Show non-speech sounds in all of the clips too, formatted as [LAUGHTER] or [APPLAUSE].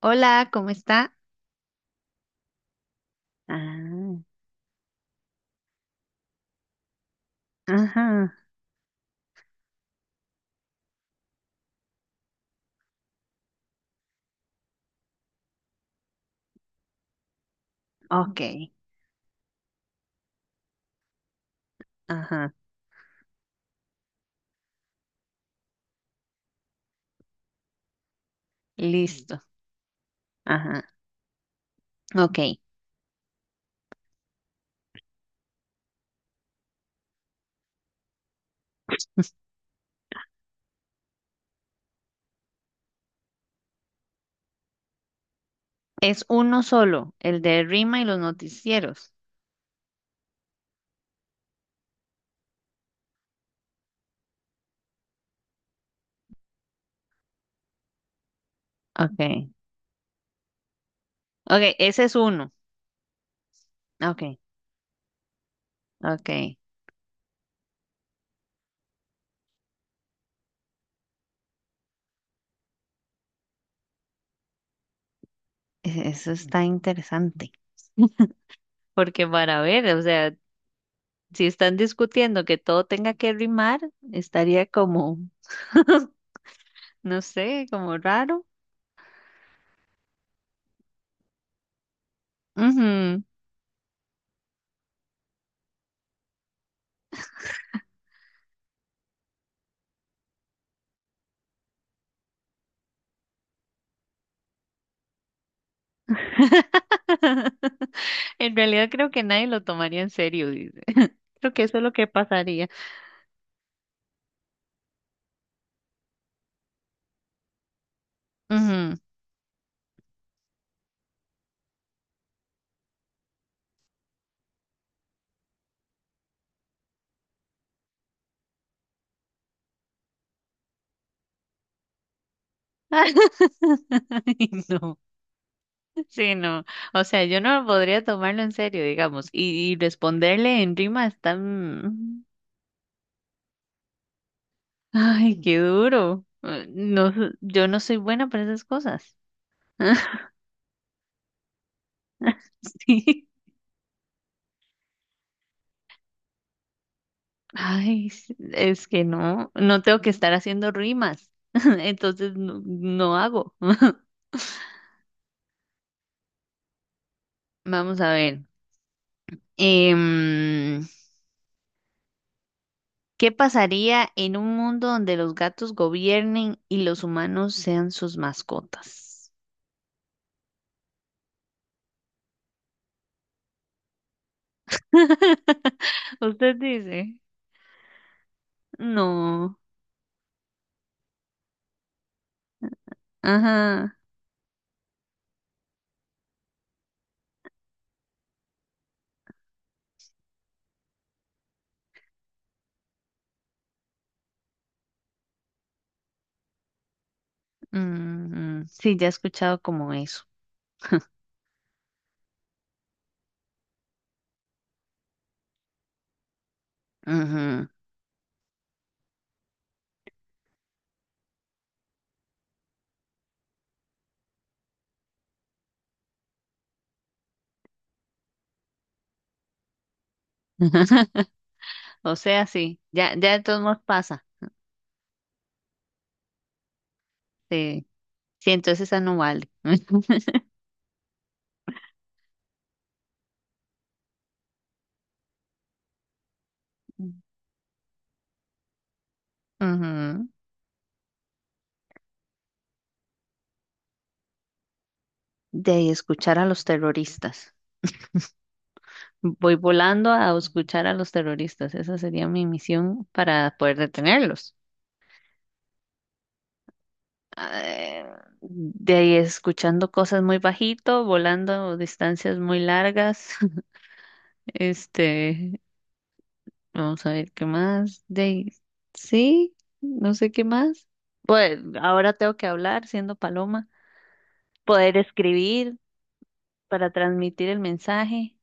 Hola, ¿cómo está? Ah, ajá, ok, ajá, listo, ajá, ok. Es uno solo, el de Rima y los noticieros. Ok, ok, ese es uno. Ok, ok. Eso está interesante. Porque para ver, o sea, si están discutiendo que todo tenga que rimar, estaría como, no sé, como raro. [LAUGHS] En realidad creo que nadie lo tomaría en serio, dice. [LAUGHS] Creo que eso es lo que pasaría. Ujú. [LAUGHS] Ay, no, sí, no. O sea, yo no podría tomarlo en serio, digamos, y responderle en rima es tan... Ay, qué duro. No, yo no soy buena para esas cosas. [LAUGHS] Sí. Ay, es que no, no tengo que estar haciendo rimas. [LAUGHS] Entonces no, no hago. [LAUGHS] Vamos a ver. Em, ¿Qué pasaría en un mundo donde los gatos gobiernen y los humanos sean sus mascotas? [LAUGHS] Usted dice, no, ajá, mm, sí, ya he escuchado como eso. Ujú. [LAUGHS] O sea, sí, ya, ya de todos modos pasa. Sí, sí, entonces esa no vale. [LAUGHS] Ujú. De ahí escuchar a los terroristas. Voy volando a escuchar a los terroristas. Esa sería mi misión para poder detenerlos. eh, de ahí escuchando cosas muy bajito, volando distancias muy largas. [LAUGHS] Este, vamos a ver qué más. De ahí, sí, no sé qué más. Pues ahora tengo que hablar siendo paloma, poder escribir para transmitir el mensaje.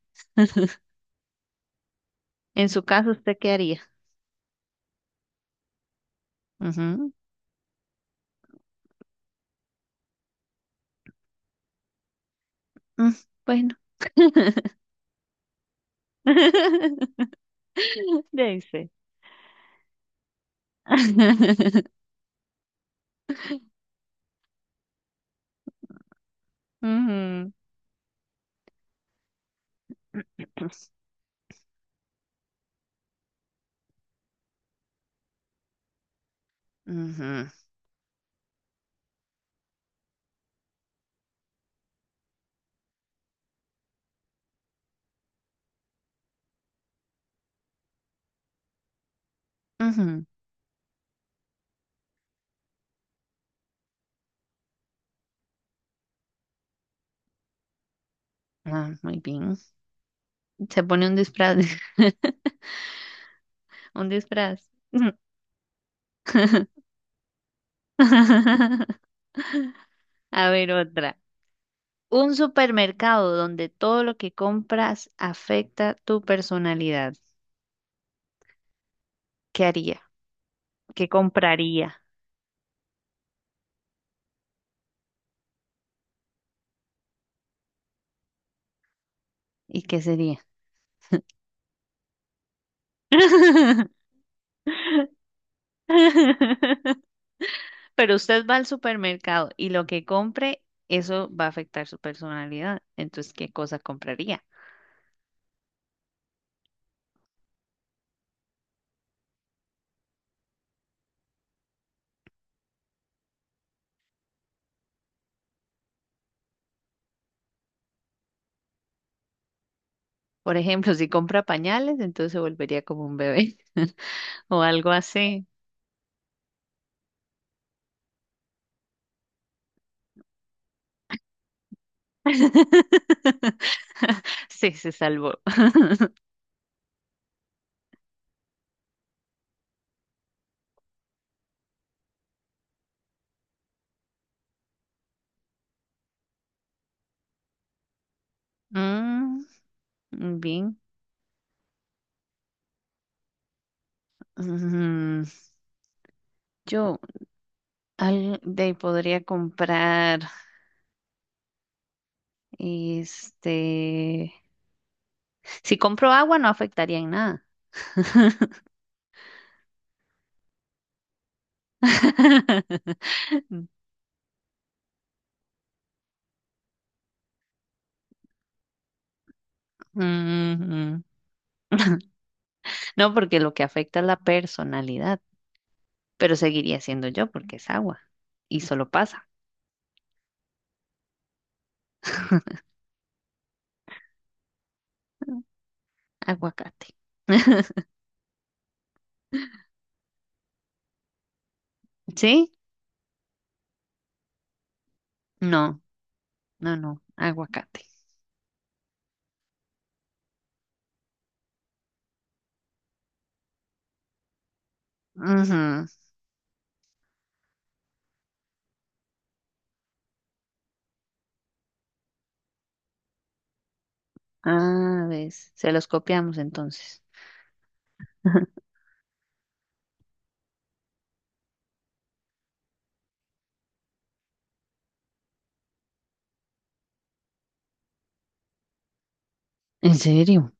En su caso, ¿usted qué haría? Ujú, mm, bueno, [LAUGHS] de ahí sé. [LAUGHS] Ujú, ujú, ujú. Ah, muy bien. Se pone un disfraz. [LAUGHS] Un disfraz. [LAUGHS] A ver otra. Un supermercado donde todo lo que compras afecta tu personalidad. ¿Qué haría? ¿Qué compraría? ¿Y qué sería? [LAUGHS] Pero usted va al supermercado y lo que compre, eso va a afectar su personalidad. Entonces, ¿qué cosa compraría? Por ejemplo, si compra pañales, entonces se volvería como un bebé [LAUGHS] o algo así. [LAUGHS] Sí, se salvó. Mm, bien. Mm, yo al, de ahí podría comprar, este, si compro agua no afectaría en nada. [LAUGHS] Ujú. No, porque lo que afecta es la personalidad, pero seguiría siendo yo porque es agua y solo pasa aguacate. [LAUGHS] ¿Sí? No, no, no, aguacate. Ujú. Ah, ves, se los copiamos entonces. [LAUGHS] ¿En serio?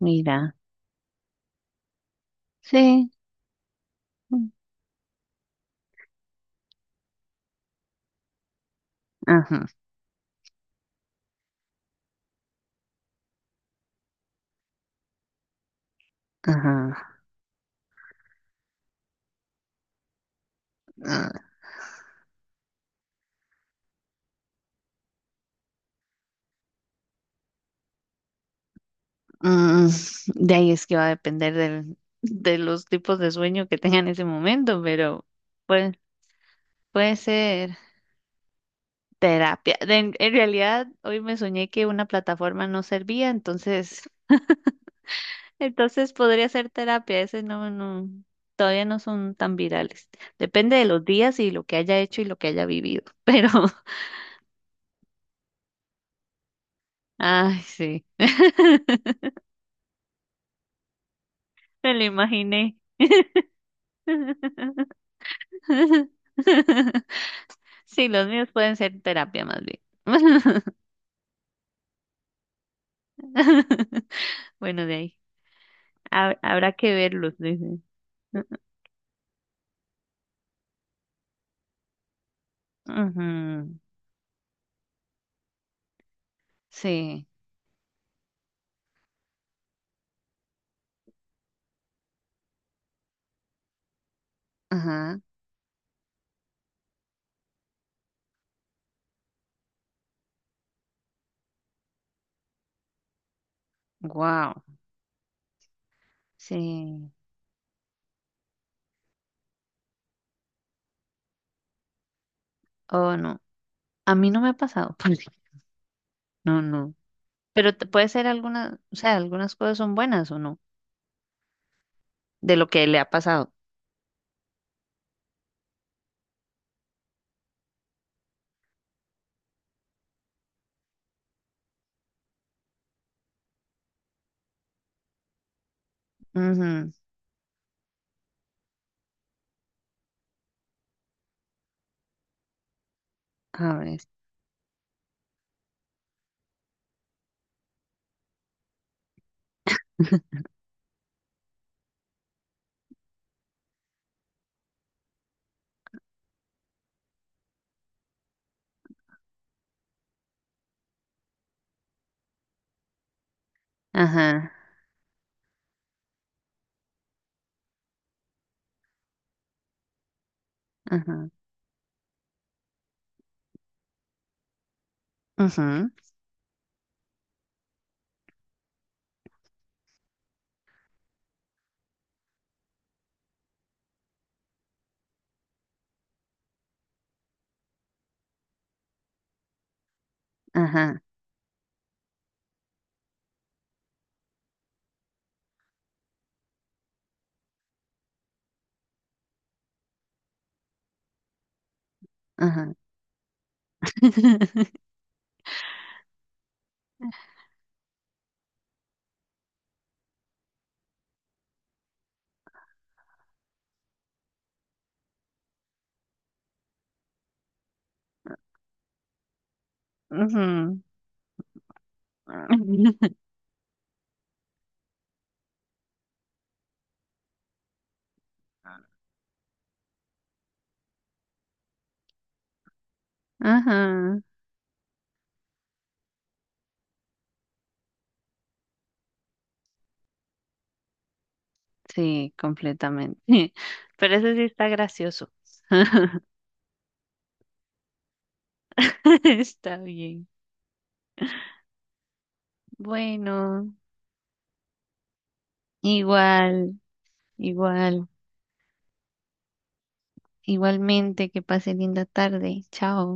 Mira, sí. Ajá, ajá. Ah, mm, de ahí es que va a depender del, de los tipos de sueño que tenga en ese momento, pero puede, puede ser terapia. De- en realidad, hoy me soñé que una plataforma no servía, entonces, [LAUGHS] entonces podría ser terapia. Ese no, no, todavía no son tan virales. Depende de los días y lo que haya hecho y lo que haya vivido. Pero, [LAUGHS] ay, sí, [LAUGHS] me lo imaginé. [LAUGHS] [LAUGHS] Sí, los míos pueden ser terapia más bien. [LAUGHS] [LAUGHS] Bueno, de ahí. Habrá que verlos, dice. Ujú, sí, ajá, wow, sí, oh no, a mí no me ha pasado, [LAUGHS] pues, no, no, puede ser alguna, o sea, algunas cosas son buenas o no, de lo que le ha pasado, ujú, a ver, [LAUGHS] ajá, ajá, ujú, ajá, ajá, [LAUGHS] ujú, [LAUGHS] ajá, sí, completamente, [LAUGHS] pero eso sí está gracioso, [LAUGHS] está bien. Bueno, igual, igual, igualmente, que pase linda tarde. Chao.